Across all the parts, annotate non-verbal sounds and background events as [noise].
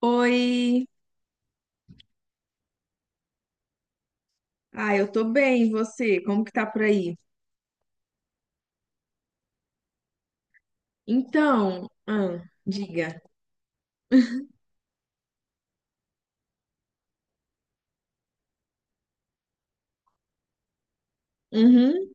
Oi, eu tô bem, e você? Como que tá por aí? Então, diga. Uhum.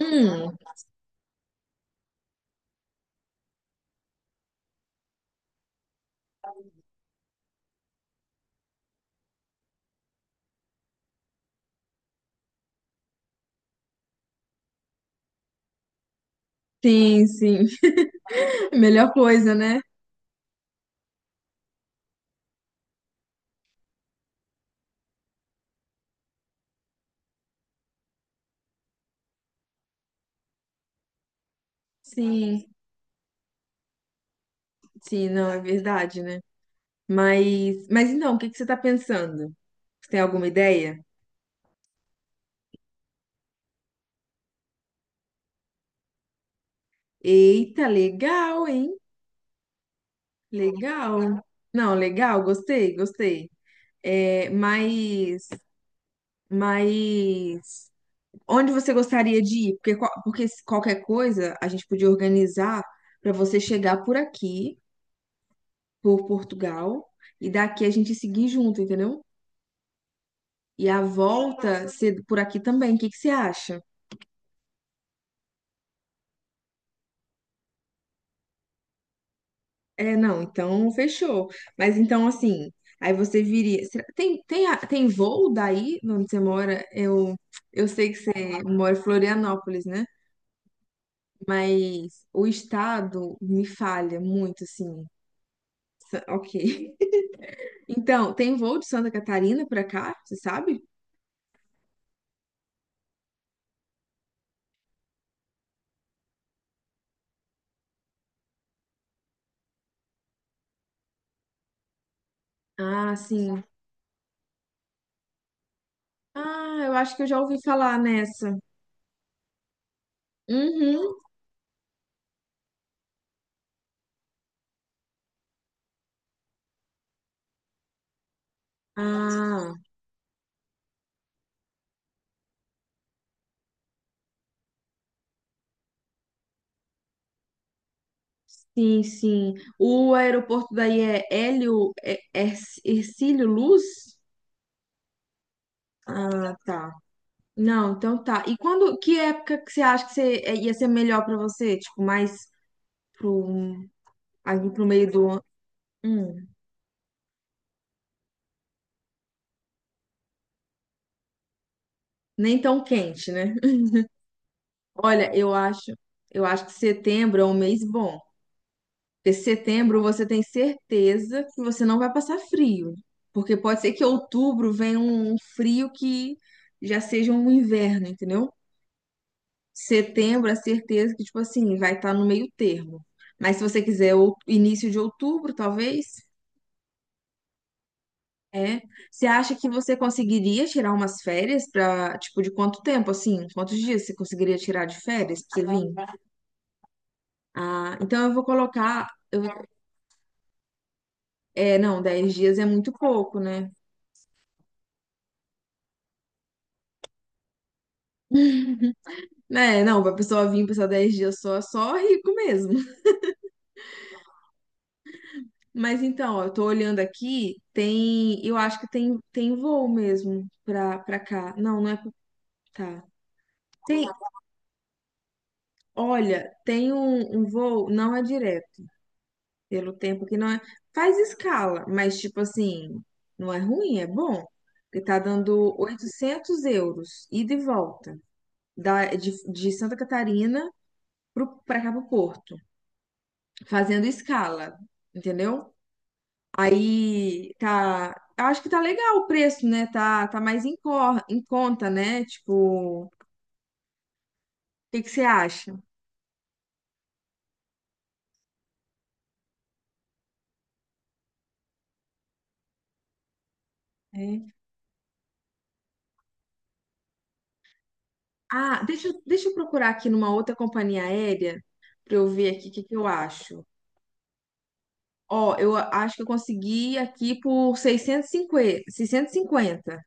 Hum, sim, sim. [laughs] Melhor coisa, né? Sim, sim, não, é verdade, né? Mas então, o que que você tá pensando? Você tem alguma ideia? Eita, legal, hein? Legal. Não, legal, gostei, gostei. É, mas onde você gostaria de ir? Porque, porque se qualquer coisa a gente podia organizar para você chegar por aqui, por Portugal, e daqui a gente seguir junto, entendeu? E a volta ser por aqui também. O que que você acha? É, não, então fechou. Mas então, assim, aí você viria. Tem voo daí, onde você mora? Eu sei que você mora em Florianópolis, né? Mas o estado me falha muito, assim. Ok. Então, tem voo de Santa Catarina pra cá, você sabe? Ah, sim. Ah, eu acho que eu já ouvi falar nessa. Uhum. Ah, sim, sim. O aeroporto daí é Hélio, é Hercílio Luz? Ah, tá. Não, então tá. E quando, que época que você acha que você, ia ser melhor pra você? Tipo, mais pro, ali pro meio do ano? Hum, nem tão quente, né? Olha, eu acho que setembro é um mês bom. Porque setembro você tem certeza que você não vai passar frio, né? Porque pode ser que outubro venha um frio que já seja um inverno, entendeu? Setembro a certeza que, tipo assim, vai estar no meio termo. Mas se você quiser início de outubro, talvez, é. Você acha que você conseguiria tirar umas férias pra, tipo, de quanto tempo, assim? Quantos dias você conseguiria tirar de férias pra você vir? Ah, então eu vou colocar. É, não, 10 dias é muito pouco, né? É, não, pra pessoa vir passar 10 dias só, só rico mesmo. Mas então, ó, eu tô olhando aqui, tem, eu acho que tem voo mesmo pra, pra cá. Não, não é pra, tá. Tem, olha, tem um voo, não é direto, pelo tempo que não é, faz escala, mas tipo assim, não é ruim, é bom, porque tá dando 800 euros, ida e volta, de Santa Catarina pro, pra cá pro Porto, fazendo escala, entendeu? Aí tá. Eu acho que tá legal o preço, né? Tá mais em conta, né? Tipo, o que que você acha? É. Ah, deixa eu procurar aqui numa outra companhia aérea pra eu ver aqui o que que eu acho. Ó, eu acho que eu consegui aqui por 650. 650.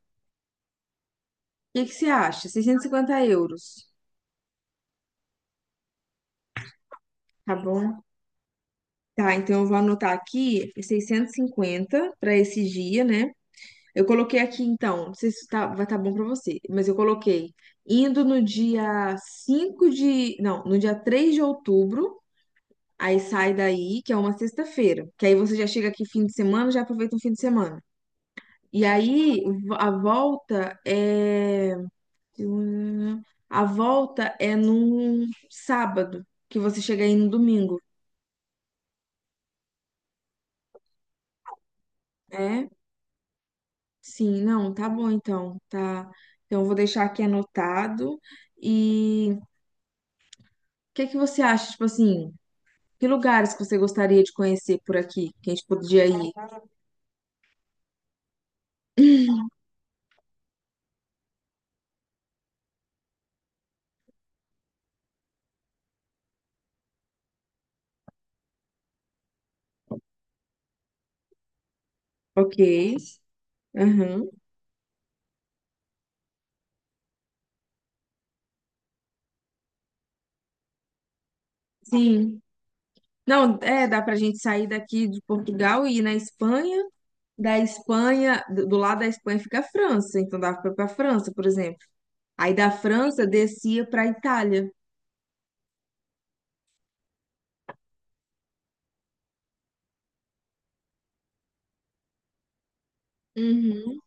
O que que você acha? 650 euros, tá bom? Tá, então eu vou anotar aqui 650 para esse dia, né? Eu coloquei aqui então, não sei se tá, vai estar bom para você, mas eu coloquei indo no dia 5 de, não, no dia 3 de outubro, aí sai daí, que é uma sexta-feira, que aí você já chega aqui fim de semana, já aproveita um fim de semana. E aí a volta é a volta é num sábado, que você chega aí no domingo. É? Sim, não, tá bom então, tá. Então eu vou deixar aqui anotado. E que você acha, tipo assim, que lugares que você gostaria de conhecer por aqui, que a gente podia ir? Ok. Uhum. Sim. Não, é, dá pra gente sair daqui de Portugal e ir na Espanha. Da Espanha, do lado da Espanha fica a França, então dava pra ir pra França, por exemplo. Aí da França descia pra Itália. Uhum.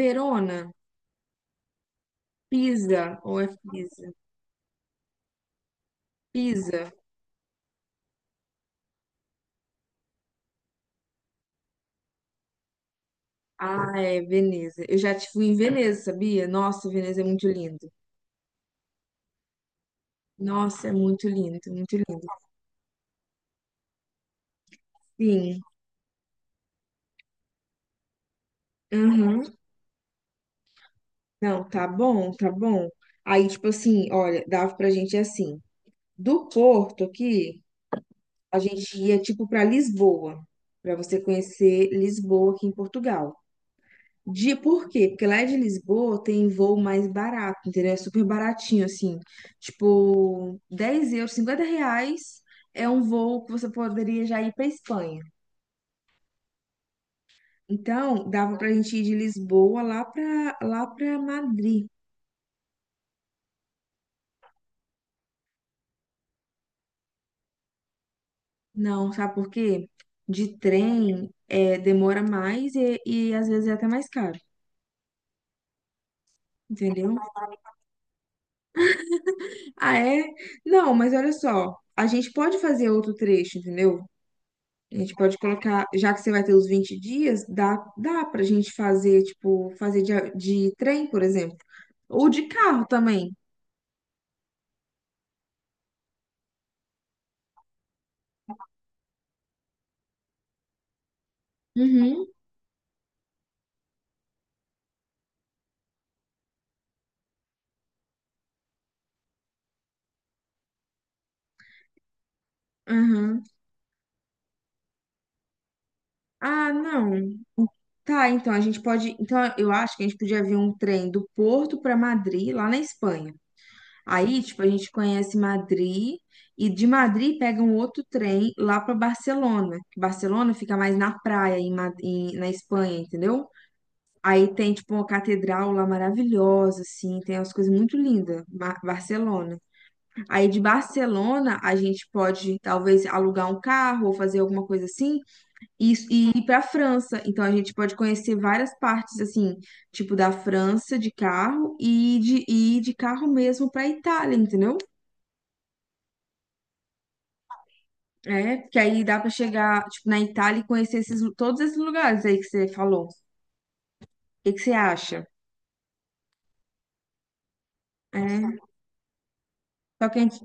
Verona, Pisa, ou é Pisa? Pisa. Ah, é, Veneza. Eu já te fui em Veneza, sabia? Nossa, Veneza é muito lindo. Nossa, é muito lindo, muito lindo. Sim, aham. Não, tá bom, tá bom. Aí, tipo assim, olha, dava pra gente assim, do Porto aqui, a gente ia, tipo, pra Lisboa, pra você conhecer Lisboa aqui em Portugal. Por quê? Porque lá de Lisboa tem voo mais barato, entendeu? É super baratinho, assim, tipo, 10 euros, 50 reais é um voo que você poderia já ir pra Espanha. Então, dava pra gente ir de Lisboa lá pra Madrid. Não, sabe por quê? De trem é, demora mais e às vezes é até mais caro, entendeu? Ah, é? Não, mas olha só, a gente pode fazer outro trecho, entendeu? A gente pode colocar, já que você vai ter os 20 dias, dá pra gente fazer, tipo, fazer de trem, por exemplo, ou de carro também. Uhum, uhum. Ah, não. Tá, então a gente pode. Então eu acho que a gente podia ver um trem do Porto pra Madrid, lá na Espanha. Aí, tipo, a gente conhece Madrid e de Madrid pega um outro trem lá para Barcelona. Que Barcelona fica mais na praia, na Espanha, entendeu? Aí tem, tipo, uma catedral lá maravilhosa, assim, tem umas coisas muito lindas, Barcelona. Aí de Barcelona a gente pode, talvez, alugar um carro ou fazer alguma coisa assim e ir para França. Então a gente pode conhecer várias partes, assim, tipo, da França de carro e ir de carro mesmo para Itália, entendeu? É, porque aí dá pra chegar, tipo, na Itália e conhecer esses, todos esses lugares aí que você falou. O que que você acha? É, só que a gente,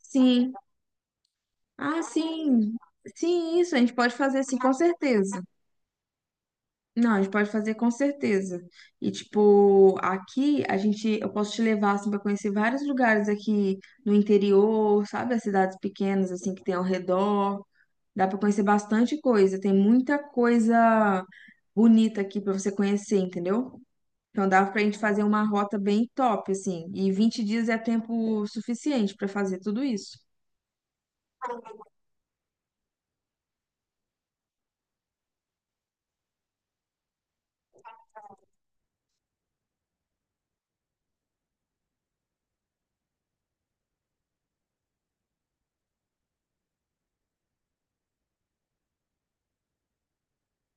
sim, sim, sim, isso, a gente pode fazer sim, com certeza. Não, a gente pode fazer com certeza. E, tipo, aqui a gente, eu posso te levar, assim, pra conhecer vários lugares aqui no interior, sabe? As cidades pequenas, assim, que tem ao redor. Dá pra conhecer bastante coisa, tem muita coisa bonita aqui pra você conhecer, entendeu? Então dava pra gente fazer uma rota bem top, assim. E 20 dias é tempo suficiente pra fazer tudo isso.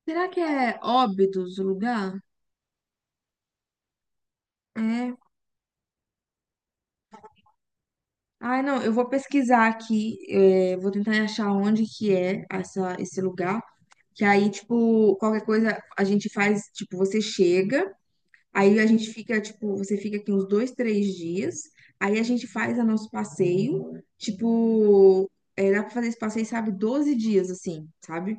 Será que é Óbidos o lugar? É. Ai, não, eu vou pesquisar aqui, vou tentar achar onde que é essa, esse lugar. Que aí, tipo, qualquer coisa a gente faz, tipo, você chega, aí a gente fica, tipo, você fica aqui uns 2, 3 dias, aí a gente faz o nosso passeio, tipo, é, dá pra fazer esse passeio, sabe, 12 dias, assim, sabe?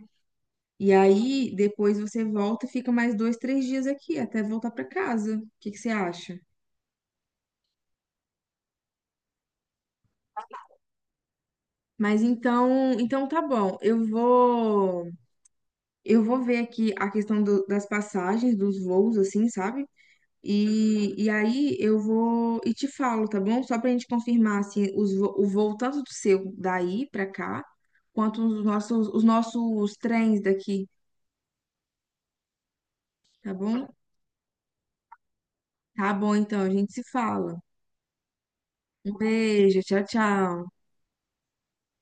E aí, depois você volta e fica mais 2, 3 dias aqui, até voltar para casa. O que que você acha? Mas então tá bom. Eu vou ver aqui a questão das passagens, dos voos, assim, sabe? E aí eu vou e te falo, tá bom? Só pra gente confirmar assim os, o voo tanto do seu daí pra cá, quanto os nossos trens daqui, tá bom? Tá bom, então a gente se fala. Um beijo, tchau, tchau.